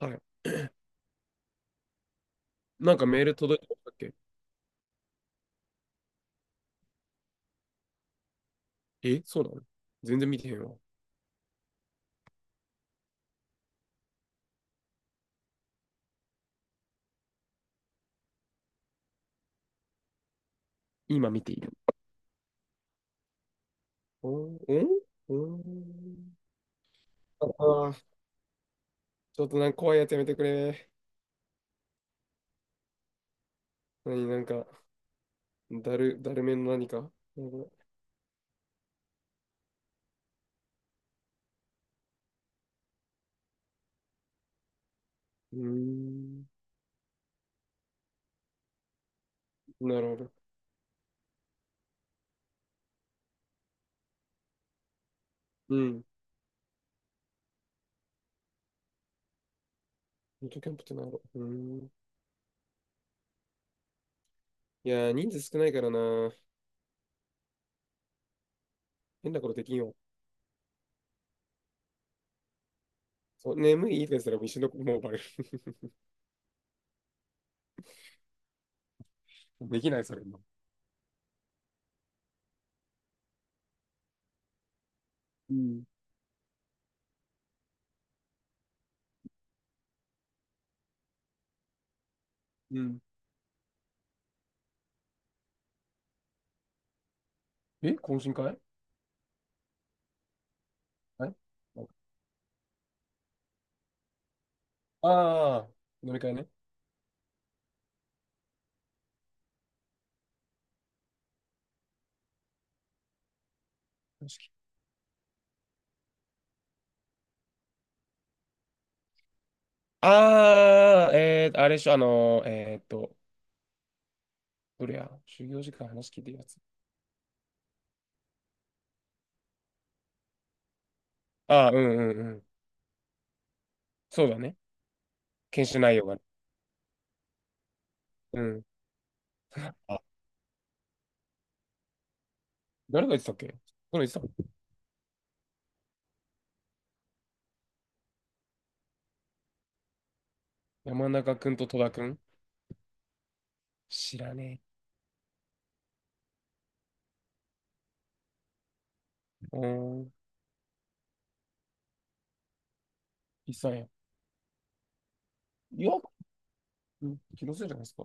はい。なんかメール届いてましたっけ？え、そうなの？全然見てへんわ。今見ている。おんおん。ああー、ちょっとなんか怖いやつやめてくれ。何、なんか、だるめの何か。なんか、うーん、なるほど。うん。ミートキャンプってなんやろう。ん。いやー、人数少ないからな。変なことできんよ。そう、眠いいいですらもう一緒のもうバレる。できない、それも。うん。うん。え、懇親会？はい。ああー、飲み会ね。ああ、あれでしょ、どれや、就業時間話聞いてるやつ。あー、うんうんうん。そうだね。研修内容がね。うん。あ、誰が言ってたっけ？誰が言ってた？山中くんと戸田くん？知らねえ。うーん、いっさんや。いや、うん、気のせいじゃないですか？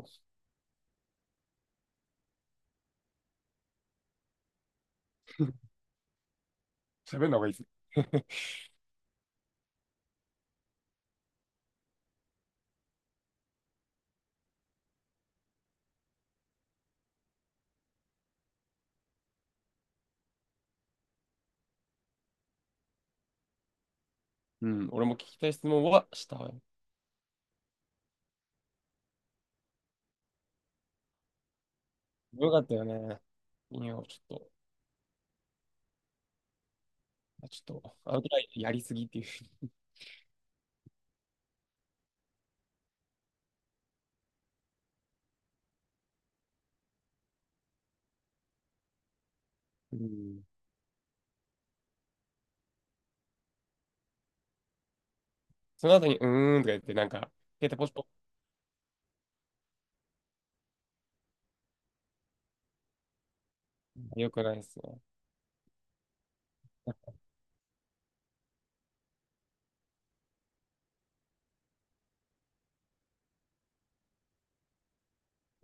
喋んな方がいいです。うん、俺も聞きたい質問はしたわよ。よかったよね。いや、ちょっと、ちょっと、アウトラインやりすぎっていう。うん。その後に、うーんとか言って、なんか、携帯ポチポよくないですね。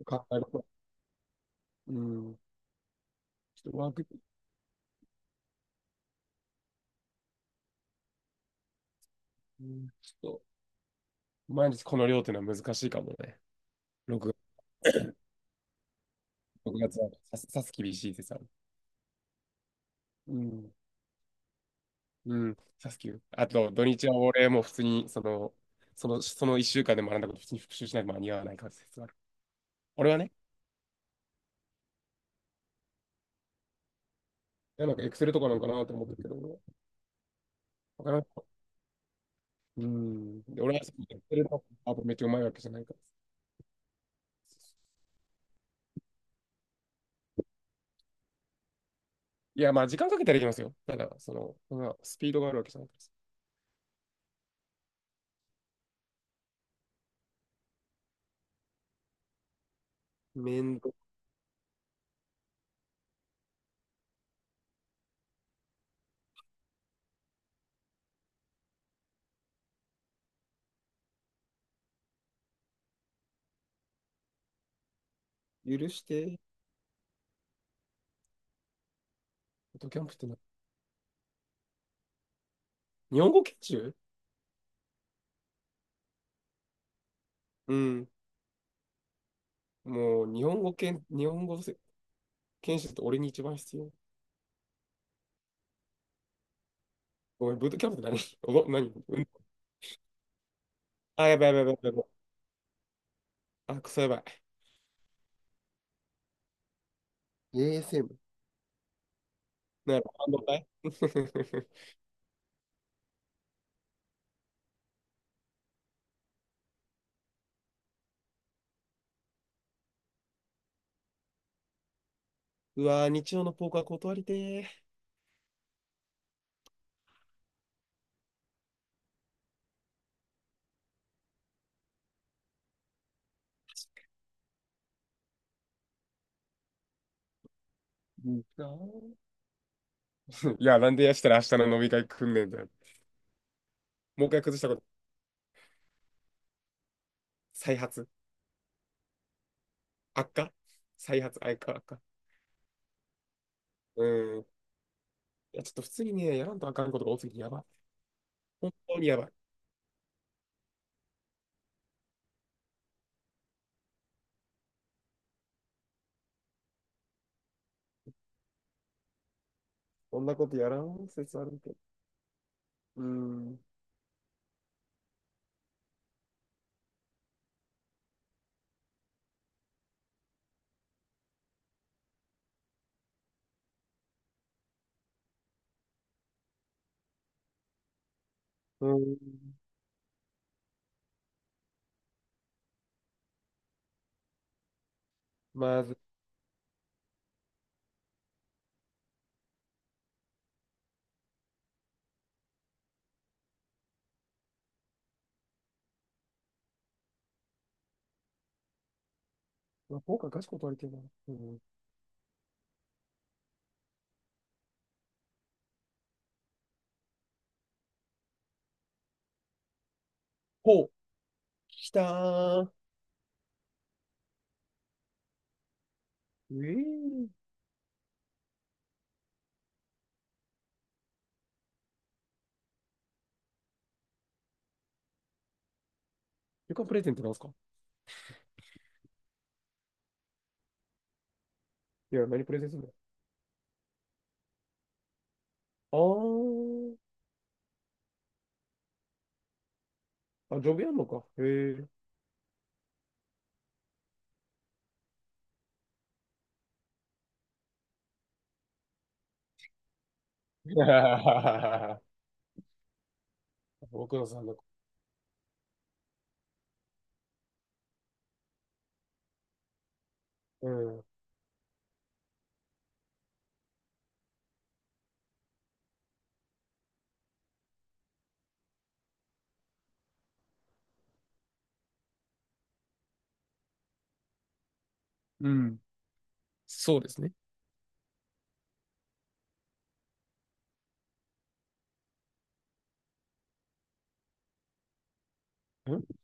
考えると。うん。ちょっとワーク、うん、ちょっと、毎日この量っていうのは難しいかもね。6月、6月はさす、さす厳しいってさ。うん。うん。さすきゅあと、土日は俺も普通に、その1週間で学んだこと普通に復習しないと間に合わない感じですある俺はね、いやなんかエクセルとかなんかなと思ってるけど、わからん。うん。で俺はエクセルとかあとめっちゃうまいわけじゃないから。いや、まあ時間かけたらいきますよ。ただ、その、まあスピードがあるわけじゃないから。面倒許して。フォトキャンプってな、日本語研修？うん。もう日本語研、日本語せ研修って俺に一番必要。ごめん、ブートキャンプって何？何、うん。あ、やばいやばいやばいやばい。あ、クソやばい。ASM。なるほど。かい。うわー、日曜のポーカー断りてー。うんー。いや、なんでやしたら明日の飲み会来んねんだよ。もう一回崩したこと。再発。悪化。再発、悪化、悪化。うん。いや、ちょっと普通にね、やらんとあかんことが多すぎてやばい。本当にやばい。こんなことやらん説あるけど。うん。うん。まず、まあ、今回ガチ断りてるな。うん。ほう、来たー。ええー。旅館プレゼントなんすか？いや、何プレゼントするの？あー。あ、ジョブやんのか。へえ。僕のさんの。うん。うん。そうですね。ん。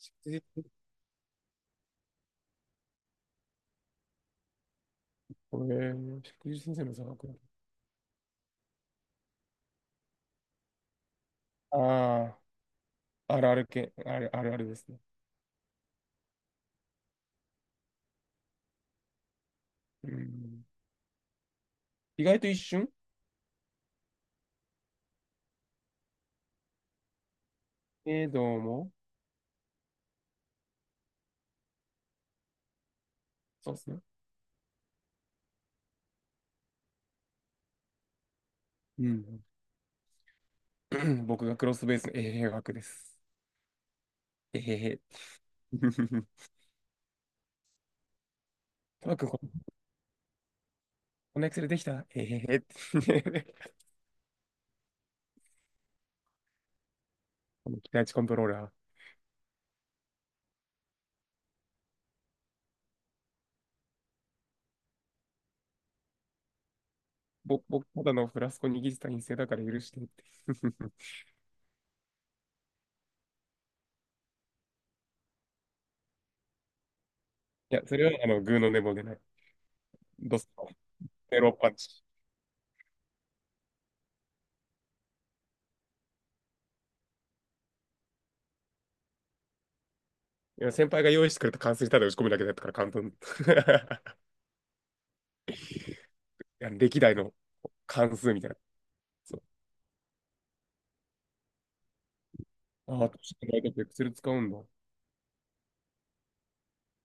祝日、これ、祝日先生の座学？ああ、あるある系、あるあるあるですね。うん。意外と一瞬。どうも。そうっすね。うん。僕がクロスベースの A 学です。えへへ。うまくここのエクセルできたえへへ。この期待値コントローラー。僕、ただのフラスコ握った陰性だから許してって。いや、それはあの、グーの根も出ない。ドスのメロンパンチ。いや、先輩が用意してくれた関数にただ打ち込むだけだったから簡単。いや歴代の関数みたいな。そう。ああ、確かにエクセル使うんだ。